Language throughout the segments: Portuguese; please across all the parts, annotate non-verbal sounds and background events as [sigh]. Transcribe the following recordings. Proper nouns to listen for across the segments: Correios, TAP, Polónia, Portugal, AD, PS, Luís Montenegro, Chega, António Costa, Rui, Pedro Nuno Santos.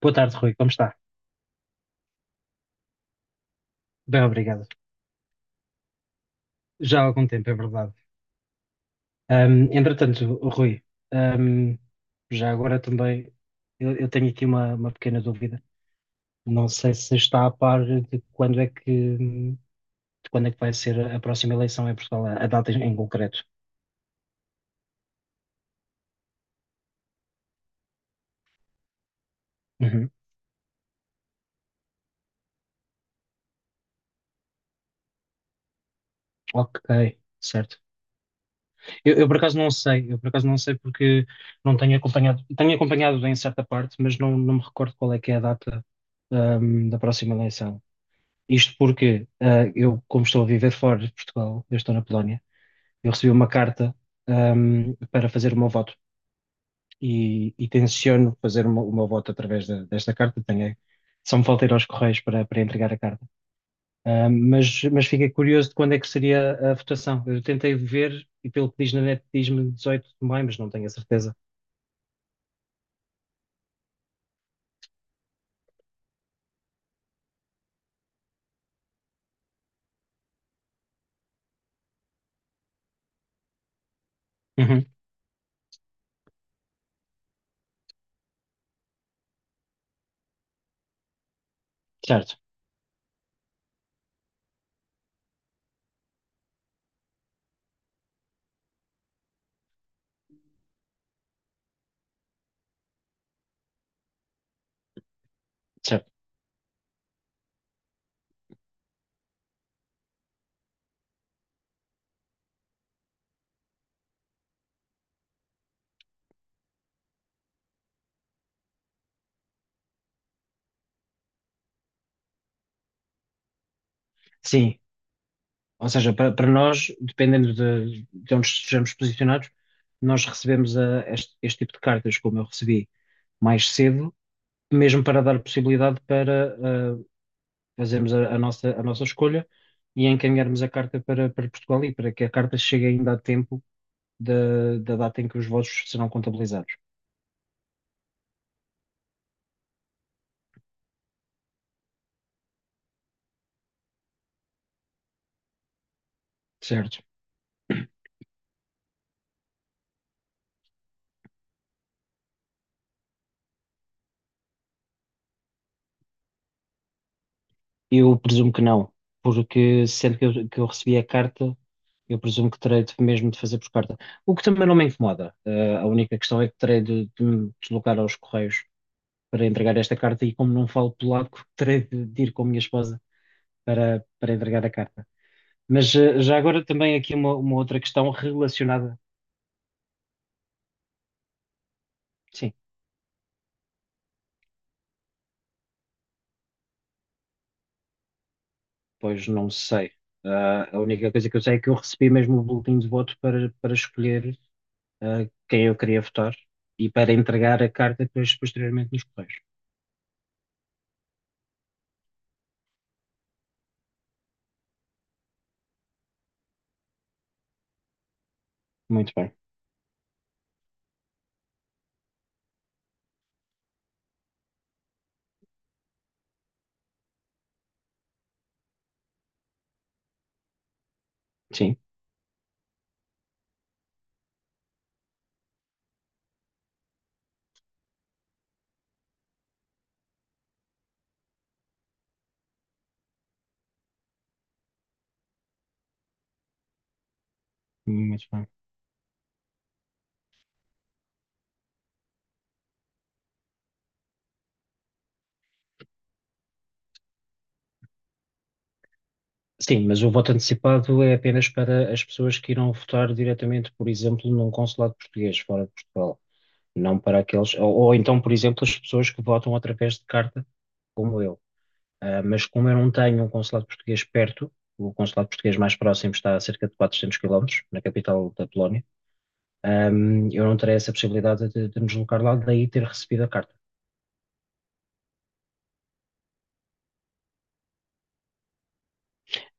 Boa tarde, Rui. Como está? Bem, obrigado. Já há algum tempo, é verdade. Entretanto, Rui, ahm, já agora também eu tenho aqui uma pequena dúvida. Não sei se está a par de quando é que vai ser a próxima eleição em Portugal, a data em concreto. Uhum. Ok, certo. Eu por acaso não sei, eu por acaso não sei porque não tenho acompanhado, tenho acompanhado em certa parte, mas não me recordo qual é que é a data, da próxima eleição. Isto porque eu, como estou a viver fora de Portugal, eu estou na Polónia, eu recebi uma carta para fazer o meu voto e, tenciono fazer o meu voto através da- desta carta. Tenho, só me falta ir aos Correios para entregar a carta. Ah, mas fiquei curioso de quando é que seria a votação. Eu tentei ver e pelo que diz na net diz-me 18 de maio, mas não tenho a certeza. Uhum. Certo, certo. Sim. Ou seja, para nós, dependendo de onde estejamos posicionados, nós recebemos a- este tipo de cartas, como eu recebi mais cedo, mesmo para dar possibilidade para ah, fazermos a nossa escolha e encaminharmos a carta para Portugal e para que a carta chegue ainda a tempo da data em que os votos serão contabilizados, certo? Eu presumo que não, porque sendo que eu recebi a carta, eu presumo que terei de, mesmo de fazer por carta. O que também não me incomoda. A única questão é que terei de me deslocar aos Correios para entregar esta carta e, como não falo polaco, [laughs] terei de ir com a minha esposa para entregar a carta. Mas já agora também aqui uma outra questão relacionada. Sim, pois não sei. Ah, a única coisa que eu sei é que eu recebi mesmo o boletim de voto para escolher. Eh, quem eu queria votar e para entregar a carta depois posteriormente nos correios. Muito bem, sim, muito bem. Sim, mas o voto antecipado é apenas para as pessoas que irão votar diretamente, por exemplo, num consulado português fora de Portugal, não para aqueles, ou então, por exemplo, as pessoas que votam através de carta, como eu. Ah, mas como eu não tenho um consulado português perto, o consulado português mais próximo está a cerca de 400 quilómetros, na capital da Polónia. ah, eu não terei essa possibilidade de me deslocar lá, daí ter recebido a carta.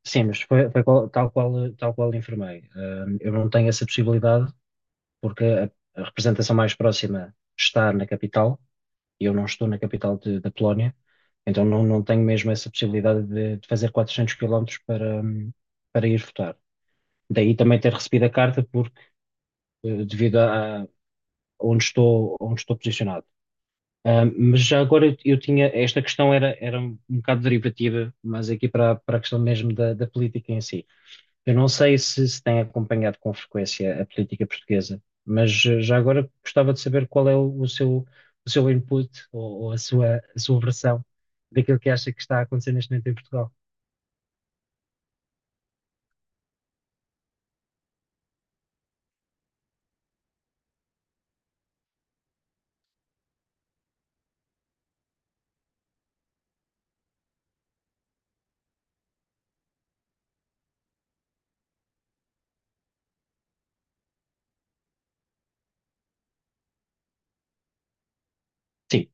Sim, mas foi tal qual informei. Eu não tenho essa possibilidade porque a representação mais próxima está na capital e eu não estou na capital de- da Polónia, então não tenho mesmo essa possibilidade de fazer 400 quilómetros para, para ir votar. Daí também ter recebido a carta porque devido a onde estou posicionado. Mas já agora eu tinha, esta questão era um bocado derivativa, mas aqui para, a- para a questão mesmo da política em si. Eu não sei se se tem acompanhado com frequência a política portuguesa, mas já agora gostava de saber qual é o seu input ou a sua versão daquilo que acha que está a acontecer neste momento em Portugal. Sim,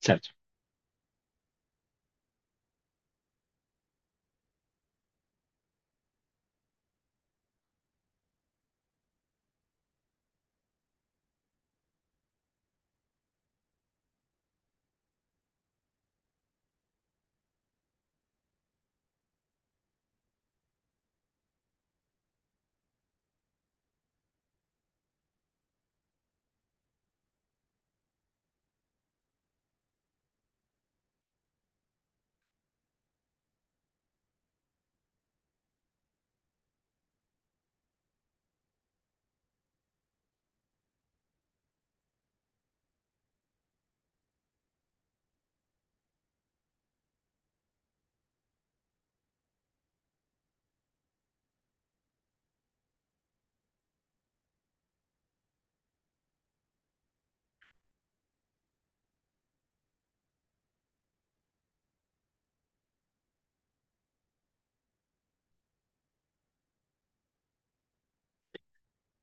certo.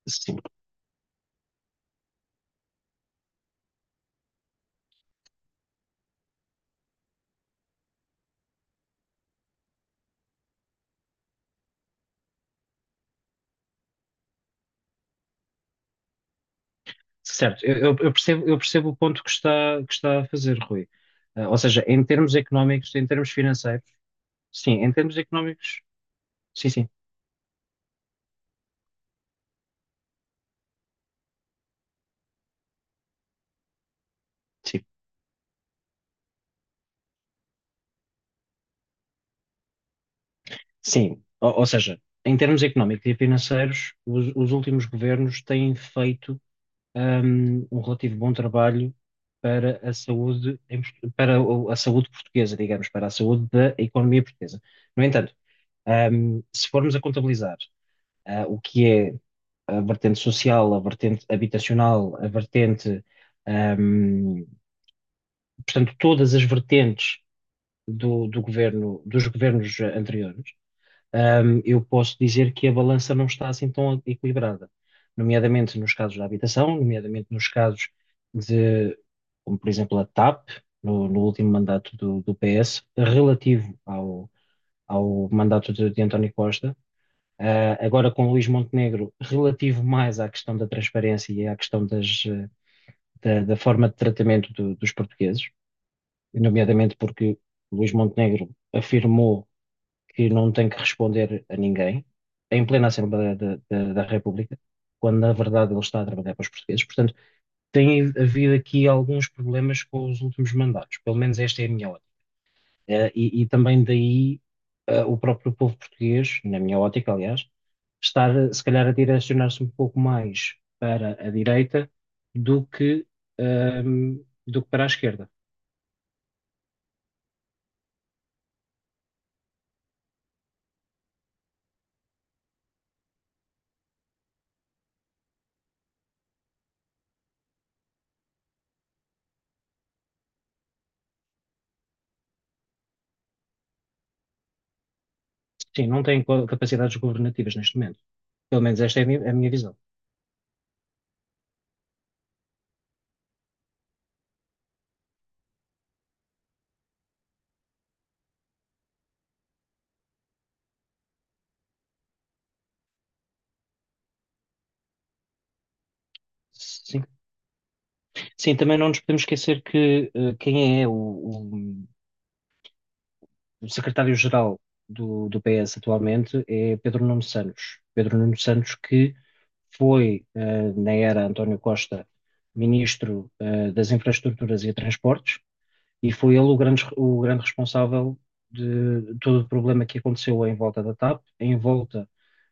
Sim. Certo, eu percebo, eu percebo o ponto que está a fazer, Rui. Ah, ou seja, em termos económicos, em termos financeiros, sim, em termos económicos, sim, sim. Sim, sim. Ou seja, em termos económicos e financeiros, os últimos governos têm feito um relativo bom trabalho para a saúde, em Port- para o- a saúde portuguesa, digamos, para a saúde da economia portuguesa. No entanto, um, se formos a contabilizar, o que é a vertente social, a vertente habitacional, a vertente, um, portanto, todas as vertentes do governo, dos governos anteriores, eu posso dizer que a balança não está assim tão equilibrada, nomeadamente nos casos da habitação, nomeadamente nos casos de, como por exemplo a TAP, no último mandato do PS, relativo ao mandato de António Costa. Agora com Luís Montenegro, relativo mais à questão da transparência e à questão das, da forma de tratamento do- dos portugueses, nomeadamente porque Luís Montenegro afirmou que não tem que responder a ninguém, em plena Assembleia da República, quando na verdade ele está a trabalhar para os portugueses. Portanto, tem havido aqui alguns problemas com os últimos mandatos, pelo menos esta é a minha ótica. E também daí, o próprio povo português, na minha ótica, aliás, estar se calhar a direcionar-se um pouco mais para a direita do que, ehm, do que para a esquerda. Sim, não tem co- capacidades governativas neste momento. Pelo menos esta é a minha visão. Sim. Sim, também não nos podemos esquecer que quem é o secretário-geral do PS atualmente é Pedro Nuno Santos. Pedro Nuno Santos que foi, na era António Costa, ministro, das Infraestruturas e Transportes, e foi ele o grande responsável de todo o problema que aconteceu em volta da TAP, em volta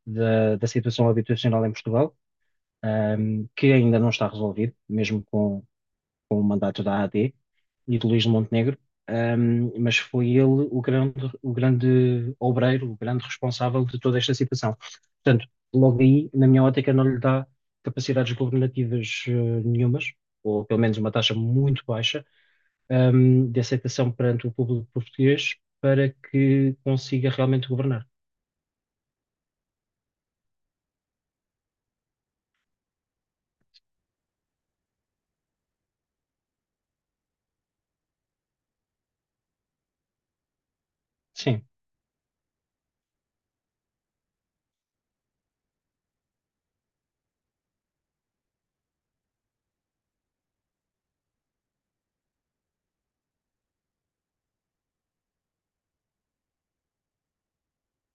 da situação habitacional em Portugal, que ainda não está resolvido, mesmo com o mandato da AD e de Luís de Montenegro. Mas foi ele o grande, o grande obreiro, o grande responsável de toda esta situação. Portanto, logo aí, na minha ótica, não lhe dá capacidades governativas nenhumas, ou pelo menos uma taxa muito baixa, de aceitação perante o público português para que consiga realmente governar. Sim.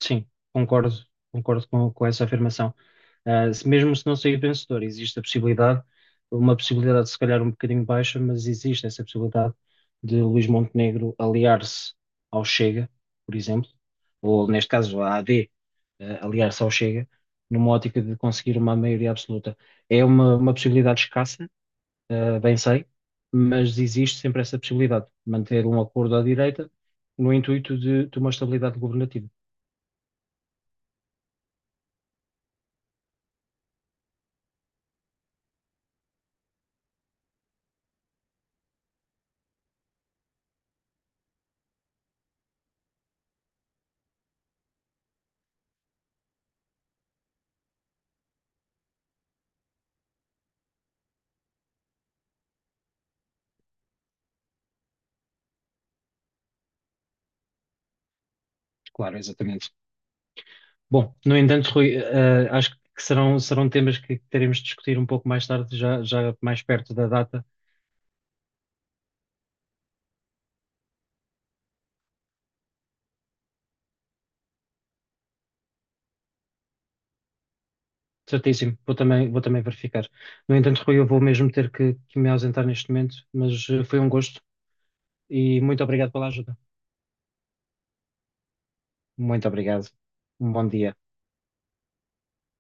Sim, concordo, concordo com essa afirmação. Ah, se- mesmo se não sair vencedor, existe a possibilidade, uma possibilidade se calhar um bocadinho baixa, mas existe essa possibilidade de Luís Montenegro aliar-se ao Chega, por exemplo, ou neste caso à AD, aliar-se ao Chega, numa ótica de conseguir uma maioria absoluta. É uma possibilidade escassa, bem sei, mas existe sempre essa possibilidade, manter um acordo à direita no intuito de uma estabilidade governativa. Claro, exatamente. Bom, no entanto, Rui, acho que serão temas que teremos de discutir um pouco mais tarde, já mais perto da data. Certíssimo, vou também verificar. No entanto, Rui, eu vou mesmo ter que me ausentar neste momento, mas foi um gosto e muito obrigado pela ajuda. Muito obrigado. Um bom dia.